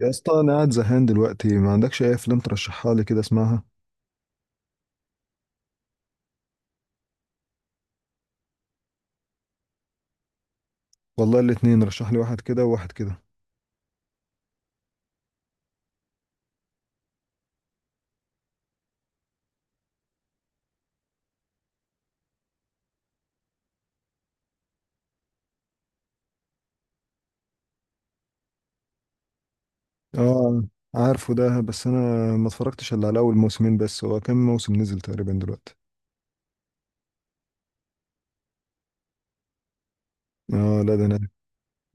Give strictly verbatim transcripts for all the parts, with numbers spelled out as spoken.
يا اسطى انا قاعد زهقان دلوقتي ما عندكش اي افلام ترشحها لي كده اسمعها. والله الاتنين رشح لي واحد كده وواحد كده. اه عارفه ده، بس انا ما اتفرجتش الا على اول موسمين، بس هو كام موسم نزل تقريبا دلوقتي؟ اه لا ده انا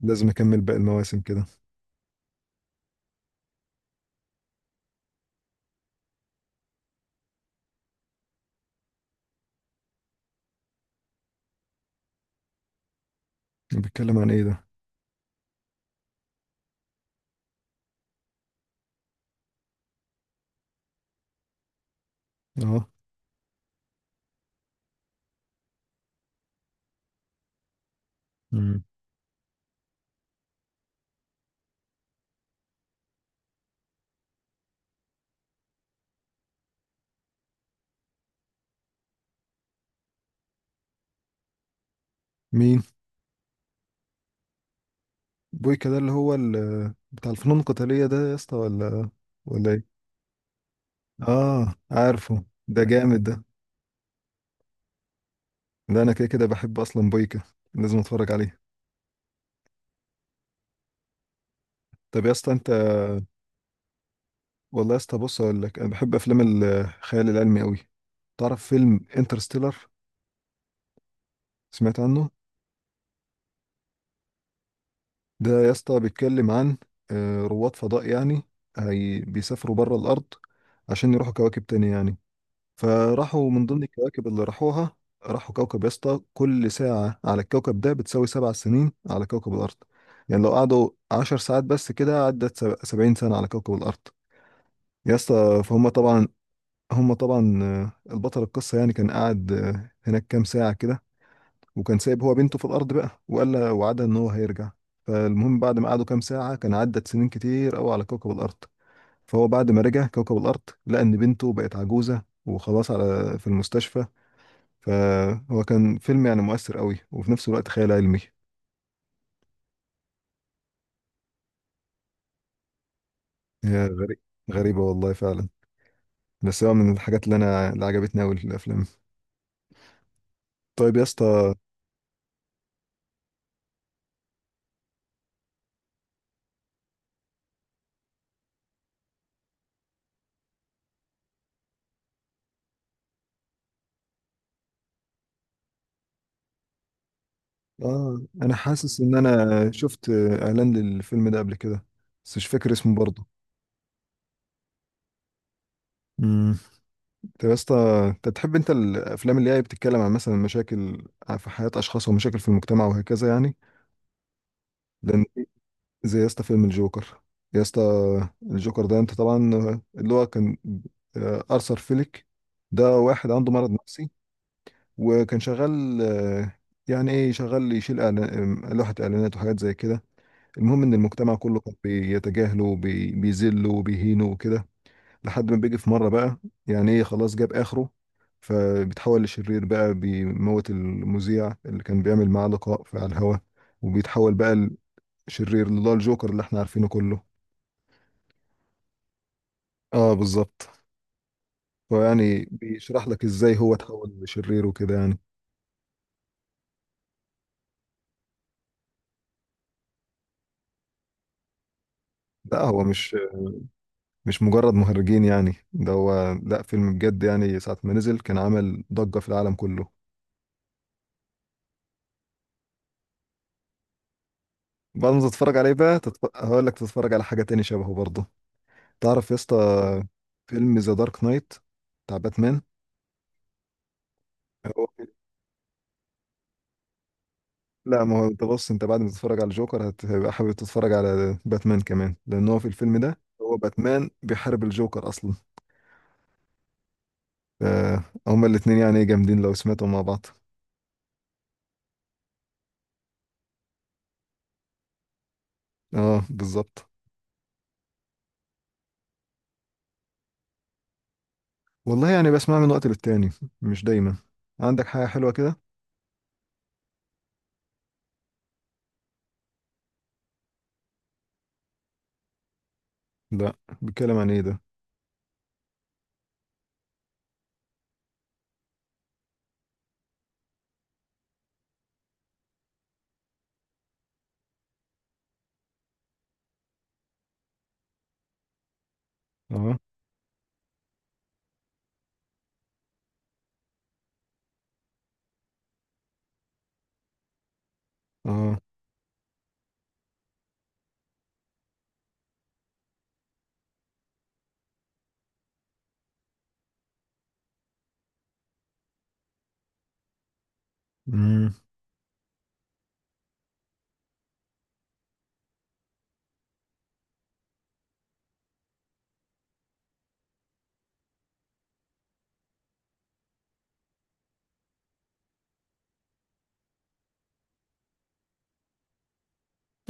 لازم اكمل باقي المواسم كده. بيتكلم عن ايه ده؟ اه. مم. مين؟ بويكا ده اللي هو ال- بتاع الفنون القتالية ده يا اسطى، ولا ولا ايه؟ اه عارفه ده، جامد ده. ده انا كده كده بحب اصلا بويكا، لازم اتفرج عليه. طب يا اسطى انت. والله يا اسطى بص اقول لك، انا بحب افلام الخيال العلمي قوي. تعرف فيلم انترستيلر؟ سمعت عنه؟ ده يا اسطى بيتكلم عن آه، رواد فضاء يعني. هي بيسافروا بره الارض عشان يروحوا كواكب تانية يعني. فراحوا من ضمن الكواكب اللي راحوها، راحوا كوكب يا اسطى كل ساعة على الكوكب ده بتساوي سبع سنين على كوكب الأرض. يعني لو قعدوا عشر ساعات بس كده عدت سب- سبعين سنة على كوكب الأرض. يا اسطى فهم طبعا. هم طبعا آه، البطل القصة يعني كان قاعد آه، هناك كام ساعة كده، وكان سايب هو بنته في الأرض بقى وقال لها وعدها إن هو هيرجع. فالمهم بعد ما قعدوا كام ساعة كان عدت سنين كتير أوي على كوكب الأرض. فهو بعد ما رجع كوكب الأرض لقى إن بنته بقت عجوزة وخلاص على في المستشفى. فهو كان فيلم يعني مؤثر أوي وفي نفس الوقت خيال علمي. هي غريب، غريبة والله فعلا. بس هو من الحاجات اللي أنا اللي عجبتني أوي في الأفلام. طيب يا اسطى. اه انا حاسس ان انا شفت اعلان للفيلم ده قبل كده، بس مش فاكر اسمه برضه. امم طب يا اسطى، انت بتحب انت الافلام اللي هي بتتكلم عن مثلا مشاكل في حياة اشخاص ومشاكل في المجتمع وهكذا يعني؟ لان، زي يا اسطى فيلم الجوكر. يا اسطى الجوكر ده انت طبعا اللي هو كان آه، ارثر فيليك. ده واحد عنده مرض نفسي، وكان شغال آه، يعني ايه، شغال يشيل إعلان- آه، لوحة اعلانات وحاجات زي كده. المهم ان المجتمع كله كان بيتجاهله وبي- بيذله وبيهينه وكده، لحد ما بيجي في مره بقى، يعني ايه، خلاص جاب اخره. فبيتحول لشرير بقى، بيموت المذيع اللي كان بيعمل معاه لقاء في على الهوا، وبيتحول بقى لشرير اللي هو الجوكر اللي احنا عارفينه كله. اه بالظبط. فيعني بيشرح لك ازاي هو اتحول لشرير وكده يعني. لا هو مش مش مجرد مهرجين يعني، ده هو لا فيلم بجد يعني، ساعة ما نزل كان عمل ضجة في العالم كله. بعد ما تتفرج عليه بقى تتف... هقول لك تتفرج على حاجة تاني شبهه برضه. تعرف يا اسطى فيلم ذا دارك نايت بتاع باتمان؟ هو- لا ما هو انت بص، انت بعد ما تتفرج على جوكر هتبقى حابب تتفرج على باتمان كمان، لان هو في الفيلم ده هو باتمان بيحارب الجوكر اصلا. ف- هما الاتنين يعني إيه جامدين لو سمعتهم مع بعض. اه بالظبط. والله يعني بسمع من وقت للتاني، مش دايما. عندك حاجة حلوة كده؟ لا. بيتكلم عن ايه ده؟ اه. اه. امم.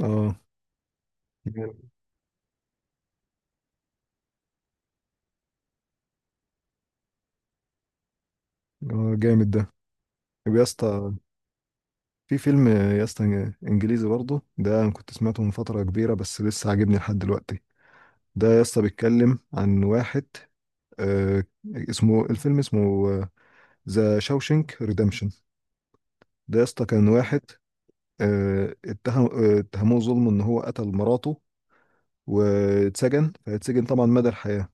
اه جامد. اه جامد ده. طب يا اسطى، في فيلم يا اسطى انجليزي برضه ده انا كنت سمعته من فتره كبيره بس لسه عاجبني لحد دلوقتي. ده يا اسطى بيتكلم عن واحد، آه، اسمه الفيلم اسمه ذا شاوشنك ريدمشن. ده يا اسطى كان واحد، آه اتهم آه، اتهموه ظلم ان هو قتل مراته، واتسجن، فاتسجن طبعا مدى الحياه.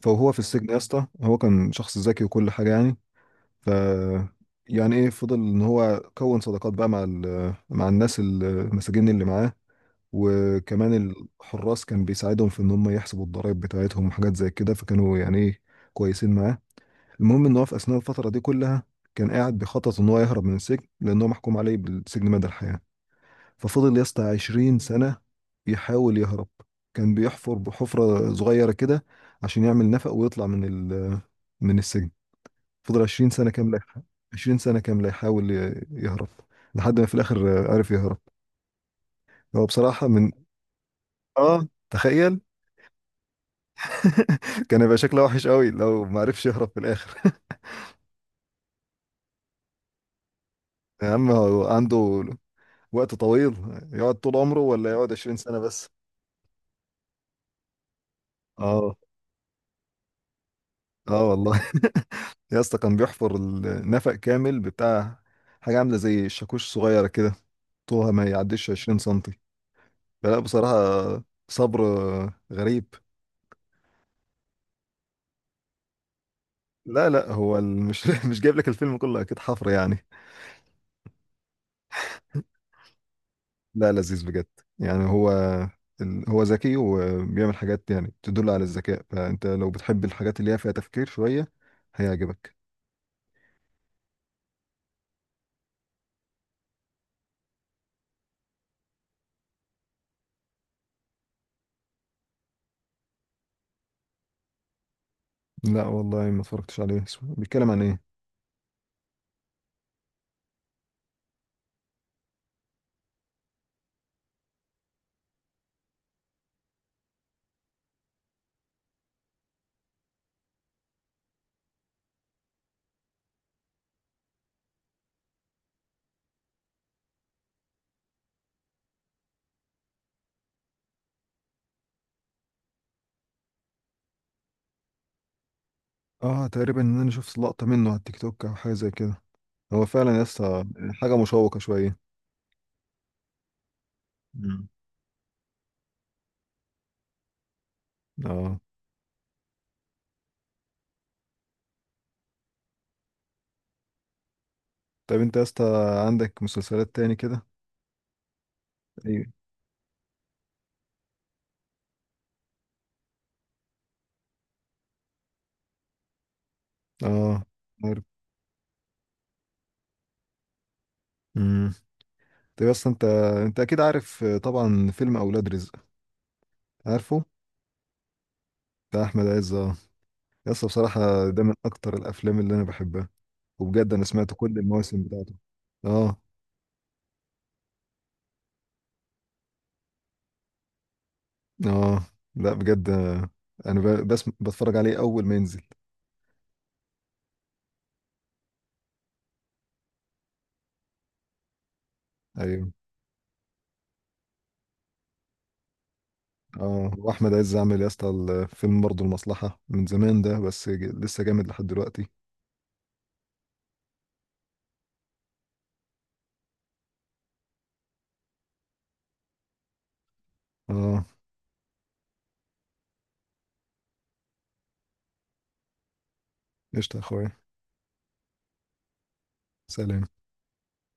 فهو في السجن يا اسطى هو كان شخص ذكي وكل حاجه يعني. ف، يعني ايه، فضل ان هو كون صداقات بقى مع ال- مع الناس المساجين اللي معاه، وكمان الحراس كان بيساعدهم في ان هم يحسبوا الضرائب بتاعتهم وحاجات زي كده، فكانوا يعني ايه كويسين معاه. المهم ان هو في اثناء الفتره دي كلها كان قاعد بيخطط ان هو يهرب من السجن، لان هو محكوم عليه بالسجن مدى الحياه. ففضل يا اسطى عشرين سنه يحاول يهرب. كان بيحفر بحفره صغيره كده عشان يعمل نفق ويطلع من ال من السجن. فضل عشرين سنه كامله يح- عشرين سنه كامله يحاول ي- يهرب، لحد ما في الاخر عرف يهرب. هو بصراحه من اه تخيل. كان هيبقى شكله وحش قوي لو ما عرفش يهرب في الاخر. يا عم هو عنده وقت طويل، يقعد طول عمره ولا يقعد عشرين سنة بس. اه. اه والله. يا اسطى كان بيحفر النفق كامل بتاع حاجة عاملة زي الشاكوش صغيرة كده، طولها ما يعديش عشرين سنتي. فلا بصراحة، صبر غريب. لا لا هو ال- مش مش جايب لك الفيلم كله، اكيد حفر يعني. لا لذيذ بجد. يعني هو ال- هو ذكي وبيعمل حاجات يعني تدل على الذكاء، فانت لو بتحب الحاجات اللي هي فيها تفكير شوية هيعجبك. لا والله ما اتفرجتش عليه. اسمه- بيتكلم عن ايه؟ اه تقريبا ان انا شفت لقطة منه على التيك توك او حاجة زي كده. هو فعلا يا اسطى حاجة مشوقة شوية. مم. اه. طيب انت يا اسطى عندك مسلسلات تاني كده؟ ايوه. اه عارف. امم. طيب يا اسطى انت انت اكيد عارف آه، طبعا فيلم اولاد رزق. عارفه. بتاع احمد عز آه. يس بصراحة ده من أكتر الأفلام اللي أنا بحبها، وبجد أنا سمعت كل المواسم بتاعته. آه. آه. لا بجد آه، أنا ب- بس بتفرج عليه أول ما ينزل. أيوه. آه وأحمد عز عامل يا اسطى الفيلم برضه المصلحة من زمان ده، بس ج- لسه جامد لحد دلوقتي. آه. قشطة يا أخويا. سلام.